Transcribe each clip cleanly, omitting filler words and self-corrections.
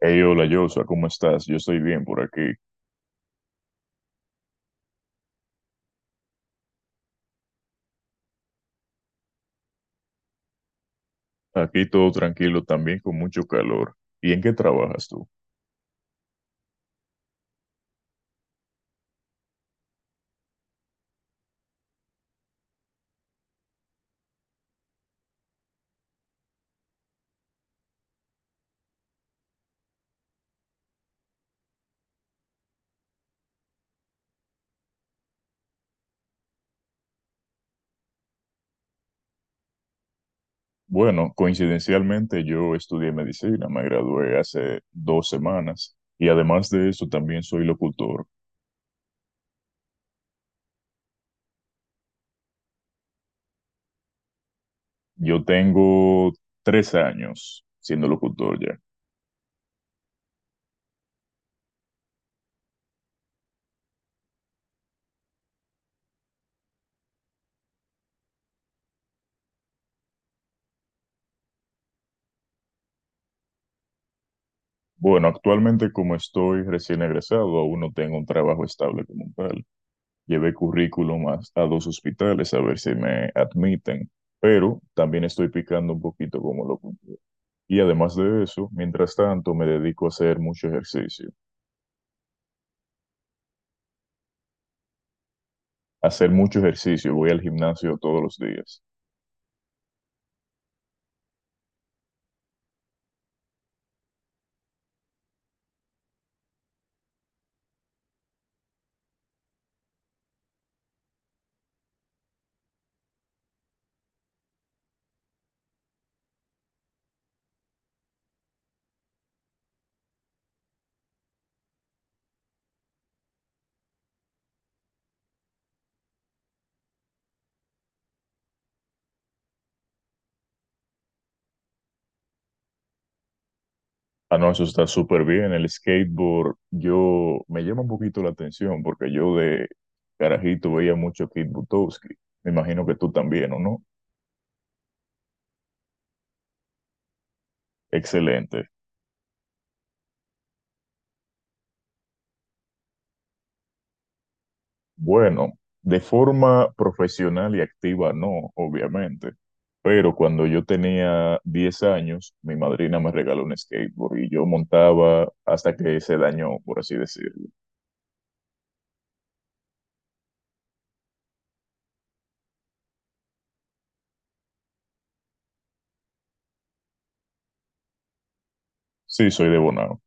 Hey, hola Joshua, ¿cómo estás? Yo estoy bien por aquí. Aquí todo tranquilo, también con mucho calor. ¿Y en qué trabajas tú? Bueno, coincidencialmente yo estudié medicina, me gradué hace 2 semanas y además de eso también soy locutor. Yo tengo 3 años siendo locutor ya. Bueno, actualmente como estoy recién egresado, aún no tengo un trabajo estable como tal. Llevé currículum a dos hospitales a ver si me admiten, pero también estoy picando un poquito como lo. Y además de eso, mientras tanto, me dedico a hacer mucho ejercicio. Hacer mucho ejercicio, voy al gimnasio todos los días. Ah, no, eso está súper bien. El skateboard, yo me llama un poquito la atención porque yo de carajito veía mucho a Kid Butowski. Me imagino que tú también, ¿o no? Excelente. Bueno, de forma profesional y activa no, obviamente, pero cuando yo tenía 10 años, mi madrina me regaló un skateboard y yo montaba hasta que se dañó, por así decirlo. Sí, soy de Bonao.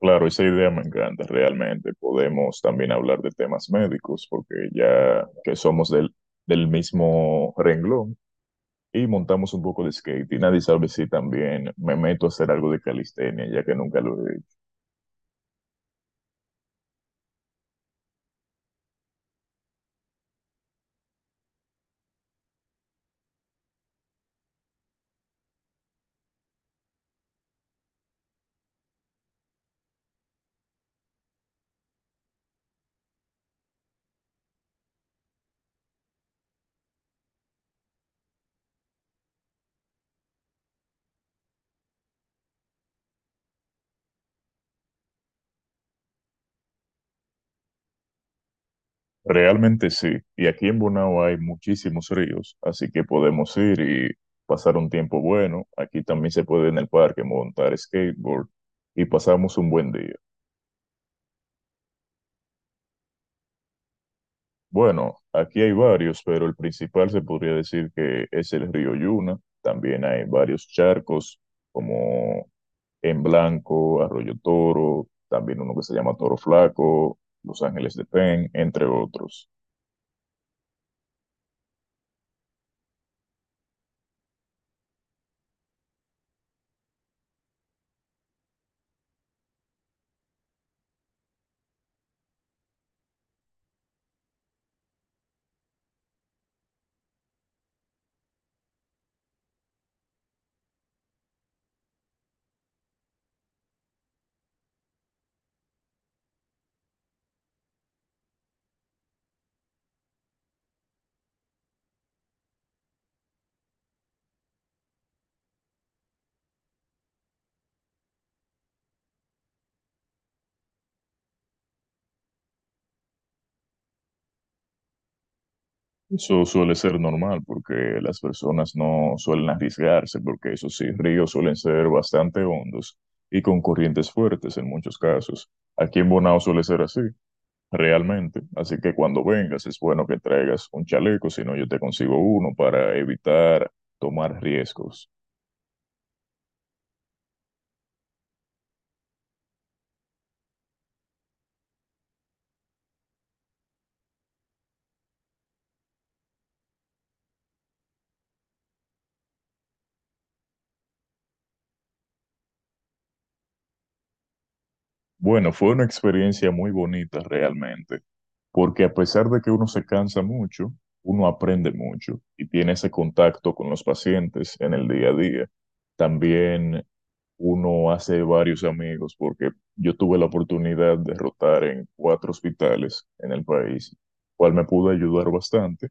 Claro, esa idea me encanta realmente. Podemos también hablar de temas médicos porque ya que somos del mismo renglón y montamos un poco de skate y nadie sabe si también me meto a hacer algo de calistenia ya que nunca lo he hecho. Realmente sí, y aquí en Bonao hay muchísimos ríos, así que podemos ir y pasar un tiempo bueno. Aquí también se puede en el parque montar skateboard y pasamos un buen día. Bueno, aquí hay varios, pero el principal se podría decir que es el río Yuna. También hay varios charcos como En Blanco, Arroyo Toro, también uno que se llama Toro Flaco, Los Ángeles de Pen, entre otros. Eso suele ser normal porque las personas no suelen arriesgarse porque esos sí, ríos suelen ser bastante hondos y con corrientes fuertes en muchos casos. Aquí en Bonao suele ser así, realmente. Así que cuando vengas es bueno que traigas un chaleco, si no yo te consigo uno para evitar tomar riesgos. Bueno, fue una experiencia muy bonita realmente, porque a pesar de que uno se cansa mucho, uno aprende mucho y tiene ese contacto con los pacientes en el día a día. También uno hace varios amigos, porque yo tuve la oportunidad de rotar en cuatro hospitales en el país, cual me pudo ayudar bastante,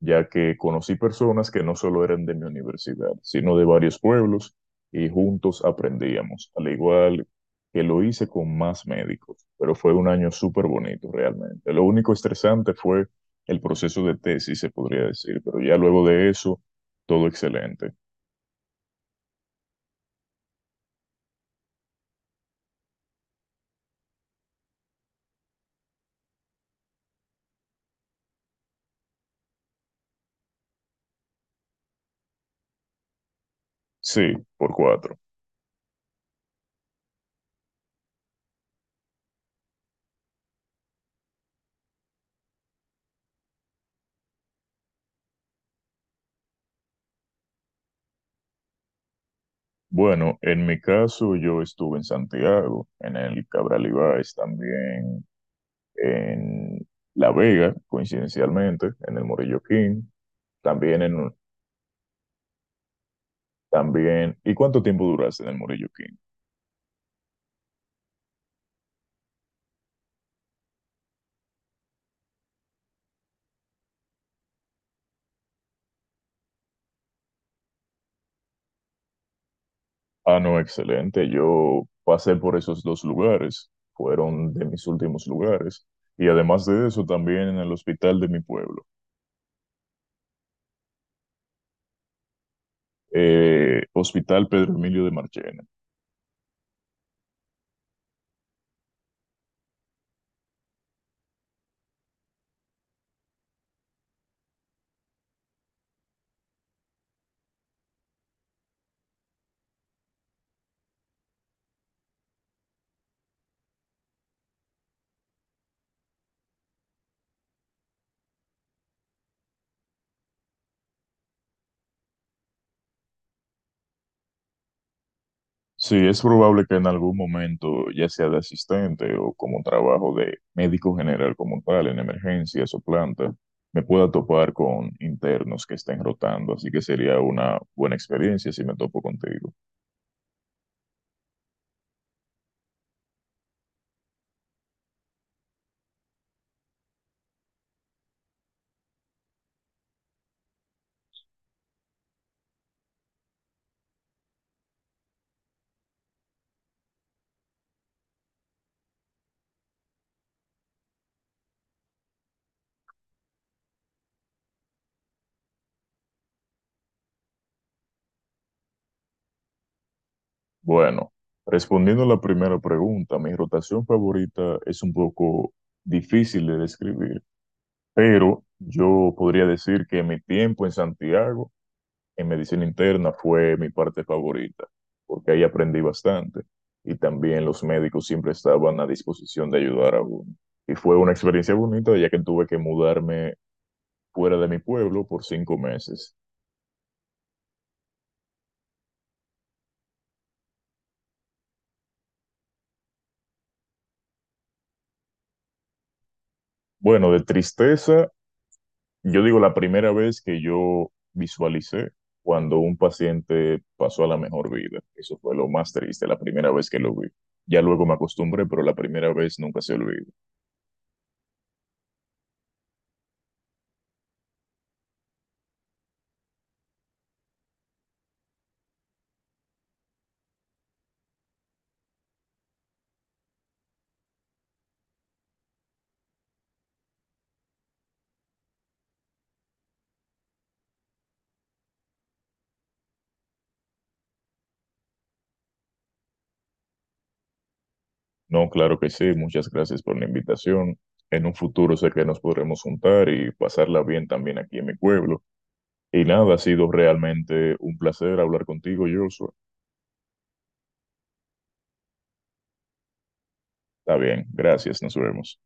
ya que conocí personas que no solo eran de mi universidad, sino de varios pueblos y juntos aprendíamos, al igual que lo hice con más médicos, pero fue un año súper bonito realmente. Lo único estresante fue el proceso de tesis, se podría decir, pero ya luego de eso, todo excelente. Sí, por cuatro. Bueno, en mi caso yo estuve en Santiago, en el Cabral Ibáez también, en La Vega, coincidencialmente, en el Morillo King, también en. También, ¿y cuánto tiempo duraste en el Morillo King? Ah, no, excelente. Yo pasé por esos dos lugares, fueron de mis últimos lugares. Y además de eso, también en el hospital de mi pueblo, Hospital Pedro Emilio de Marchena. Sí, es probable que en algún momento, ya sea de asistente o como trabajo de médico general como tal, en emergencias o planta, me pueda topar con internos que estén rotando, así que sería una buena experiencia si me topo contigo. Bueno, respondiendo a la primera pregunta, mi rotación favorita es un poco difícil de describir, pero yo podría decir que mi tiempo en Santiago, en medicina interna, fue mi parte favorita, porque ahí aprendí bastante y también los médicos siempre estaban a disposición de ayudar a uno. Y fue una experiencia bonita, ya que tuve que mudarme fuera de mi pueblo por 5 meses. Bueno, de tristeza. Yo digo, la primera vez que yo visualicé cuando un paciente pasó a la mejor vida, eso fue lo más triste, la primera vez que lo vi. Ya luego me acostumbré, pero la primera vez nunca se olvida. No, claro que sí, muchas gracias por la invitación. En un futuro sé que nos podremos juntar y pasarla bien también aquí en mi pueblo. Y nada, ha sido realmente un placer hablar contigo, Joshua. Está bien, gracias, nos vemos.